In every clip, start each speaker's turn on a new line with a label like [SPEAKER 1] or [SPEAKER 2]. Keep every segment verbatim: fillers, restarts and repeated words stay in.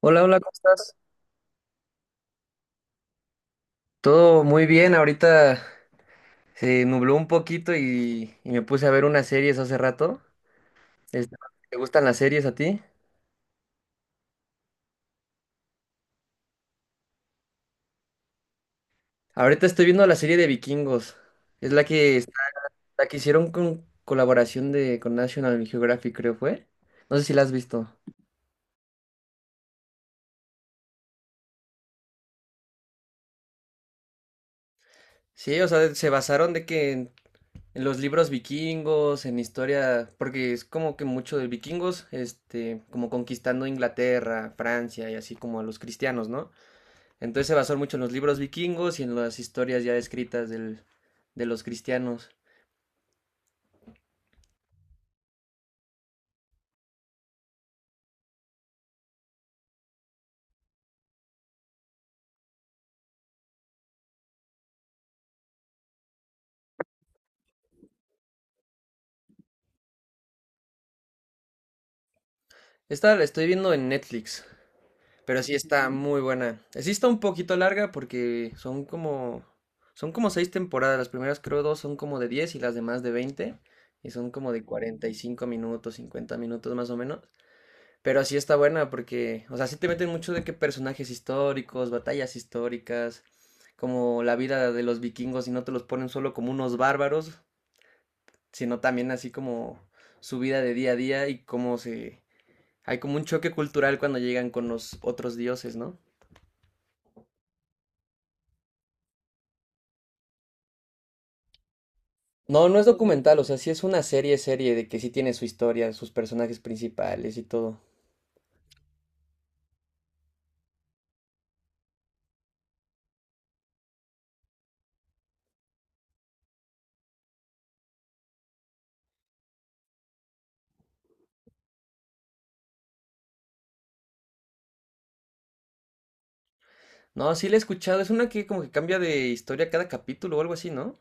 [SPEAKER 1] Hola, hola, ¿cómo estás? Todo muy bien, ahorita se nubló un poquito y, y me puse a ver unas series hace rato. Este, ¿Te gustan las series a ti? Ahorita estoy viendo la serie de Vikingos. Es la que, está- La que hicieron con colaboración de, con National Geographic, creo fue. No sé si la has visto. Sí, o sea, se basaron de que en, en los libros vikingos, en historia, porque es como que mucho de vikingos, este, como conquistando Inglaterra, Francia y así como a los cristianos, ¿no? Entonces se basó mucho en los libros vikingos y en las historias ya escritas del, de los cristianos. Esta la estoy viendo en Netflix, pero sí está muy buena. Sí está un poquito larga porque son como, son como seis temporadas. Las primeras creo dos son como de diez y las demás de veinte. Y son como de cuarenta y cinco minutos, cincuenta minutos más o menos. Pero sí está buena porque, o sea, sí te meten mucho de que personajes históricos, batallas históricas, como la vida de los vikingos y no te los ponen solo como unos bárbaros, sino también así como su vida de día a día y cómo se... Hay como un choque cultural cuando llegan con los otros dioses, ¿no? No, no es documental, o sea, sí es una serie, serie de que sí tiene su historia, sus personajes principales y todo. No, sí la he escuchado, es una que como que cambia de historia cada capítulo o algo así, ¿no?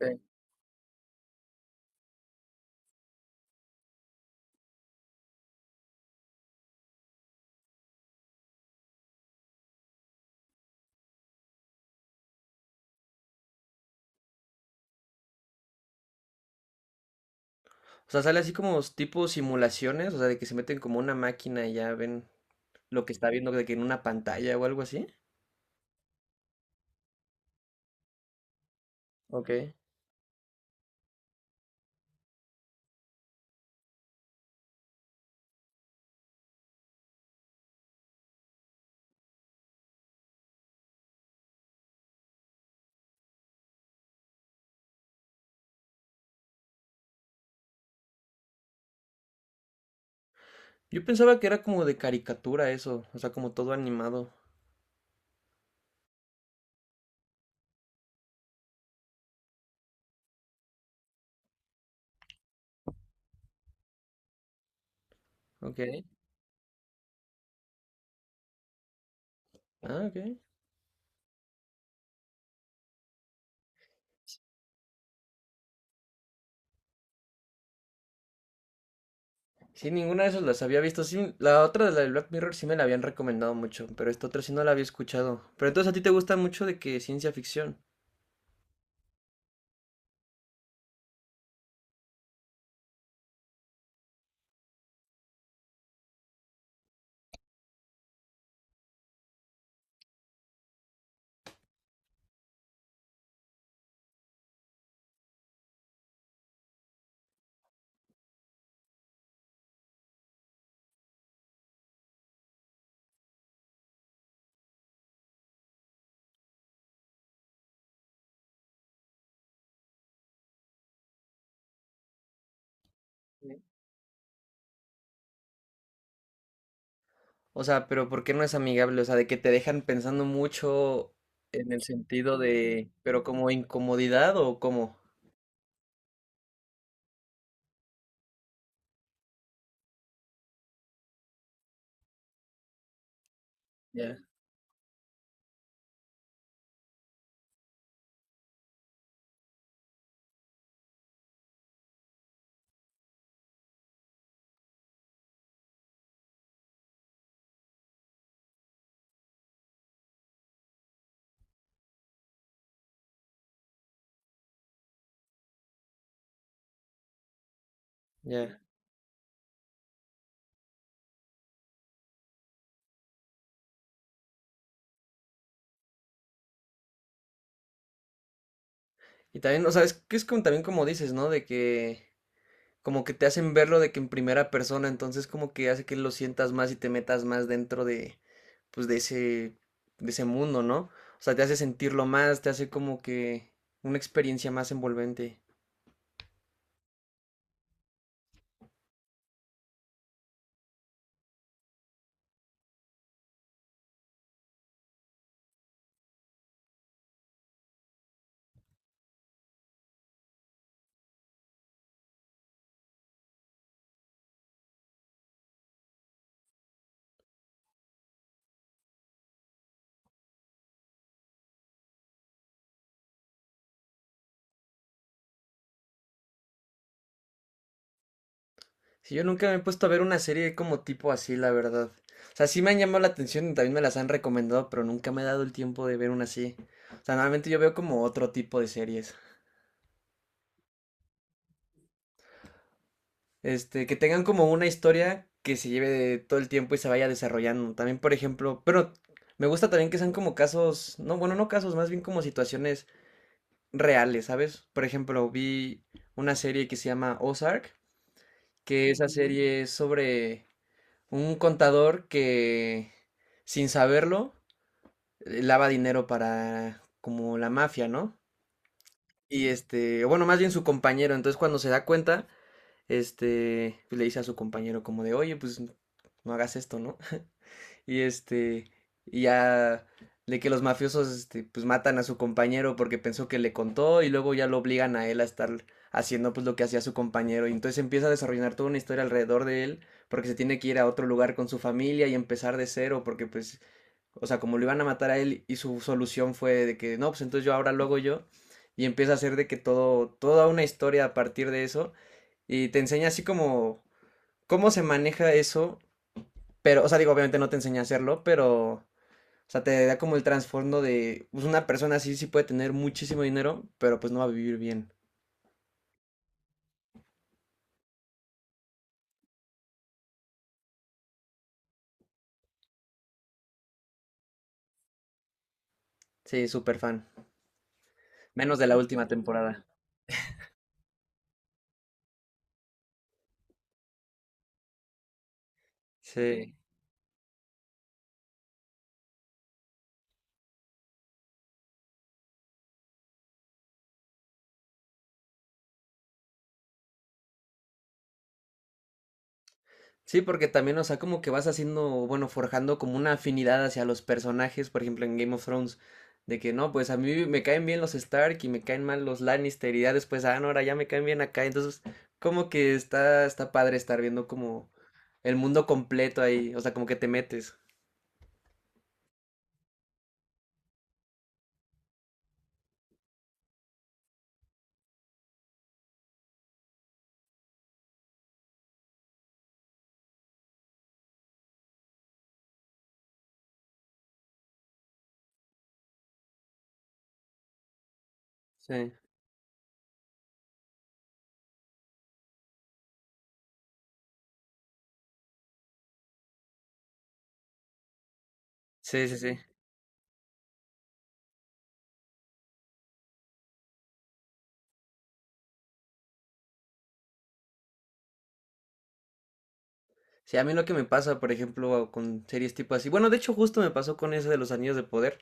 [SPEAKER 1] Sí. O sea, sale así como tipo simulaciones, o sea, de que se meten como una máquina y ya ven lo que está viendo de que en una pantalla o algo así. Ok. Yo pensaba que era como de caricatura eso, o sea, como todo animado. Ok. Ah, ok. Sí, ninguna de esas las había visto. Sí, la otra de la del Black Mirror sí me la habían recomendado mucho, pero esta otra sí no la había escuchado. Pero entonces a ti te gusta mucho de que ciencia ficción. Sí. O sea, pero ¿por qué no es amigable? O sea, de que te dejan pensando mucho en el sentido de, pero como incomodidad o cómo. Ya, ya. Y también, o sea, es que es como también como dices, ¿no? De que como que te hacen verlo de que en primera persona, entonces como que hace que lo sientas más y te metas más dentro de, pues de ese, de ese mundo, ¿no? O sea, te hace sentirlo más, te hace como que una experiencia más envolvente. Si yo nunca me he puesto a ver una serie como tipo así, la verdad. O sea, sí me han llamado la atención y también me las han recomendado, pero nunca me he dado el tiempo de ver una así. O sea, normalmente yo veo como otro tipo de series. Este, que tengan como una historia que se lleve de todo el tiempo y se vaya desarrollando. También, por ejemplo, pero me gusta también que sean como casos, no, bueno, no casos, más bien como situaciones reales, ¿sabes? Por ejemplo, vi una serie que se llama Ozark, que esa serie es sobre un contador que, sin saberlo, eh, lava dinero para como la mafia, ¿no? Y este, o bueno, más bien su compañero, entonces cuando se da cuenta, este, pues, le dice a su compañero como de, oye, pues no hagas esto, ¿no? Y este, y ya de que los mafiosos, este, pues matan a su compañero porque pensó que le contó y luego ya lo obligan a él a estar haciendo pues lo que hacía su compañero y entonces empieza a desarrollar toda una historia alrededor de él porque se tiene que ir a otro lugar con su familia y empezar de cero porque pues, o sea, como lo iban a matar a él y su solución fue de que no, pues entonces yo ahora lo hago yo y empieza a hacer de que todo, toda una historia a partir de eso y te enseña así como cómo se maneja eso, pero, o sea, digo, obviamente no te enseña a hacerlo, pero, o sea, te da como el trasfondo de, pues una persona así sí puede tener muchísimo dinero, pero pues no va a vivir bien. Sí, súper fan. Menos de la última temporada. Sí. Sí, porque también, o sea, como que vas haciendo, bueno, forjando como una afinidad hacia los personajes, por ejemplo, en Game of Thrones, de que no, pues a mí me caen bien los Stark y me caen mal los Lannister y ya después, ah, no, ahora ya me caen bien acá, entonces como que está, está padre estar viendo como el mundo completo ahí, o sea, como que te metes. Sí, sí, sí, sí. Sí, a mí lo que me pasa, por ejemplo, con series tipo así, bueno, de hecho justo me pasó con ese de los Anillos de Poder,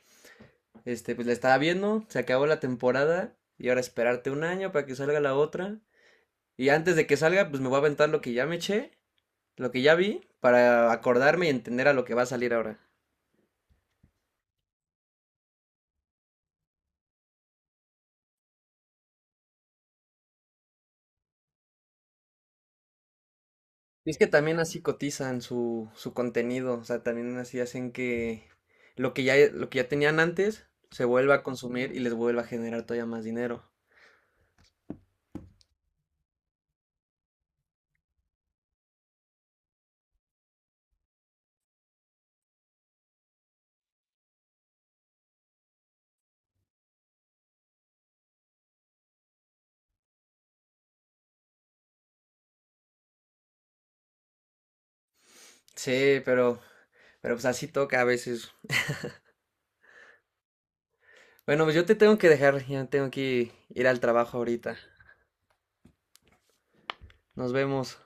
[SPEAKER 1] este, pues la estaba viendo, se acabó la temporada y ahora esperarte un año para que salga la otra. Y antes de que salga, pues me voy a aventar lo que ya me eché, lo que ya vi, para acordarme y entender a lo que va a salir ahora. Y es que también así cotizan su, su contenido, o sea, también así hacen que lo que ya, lo que ya tenían antes se vuelva a consumir y les vuelva a generar todavía más dinero. Sí, pero, pero pues así toca a veces. Bueno, pues yo te tengo que dejar, ya tengo que ir al trabajo ahorita. Nos vemos.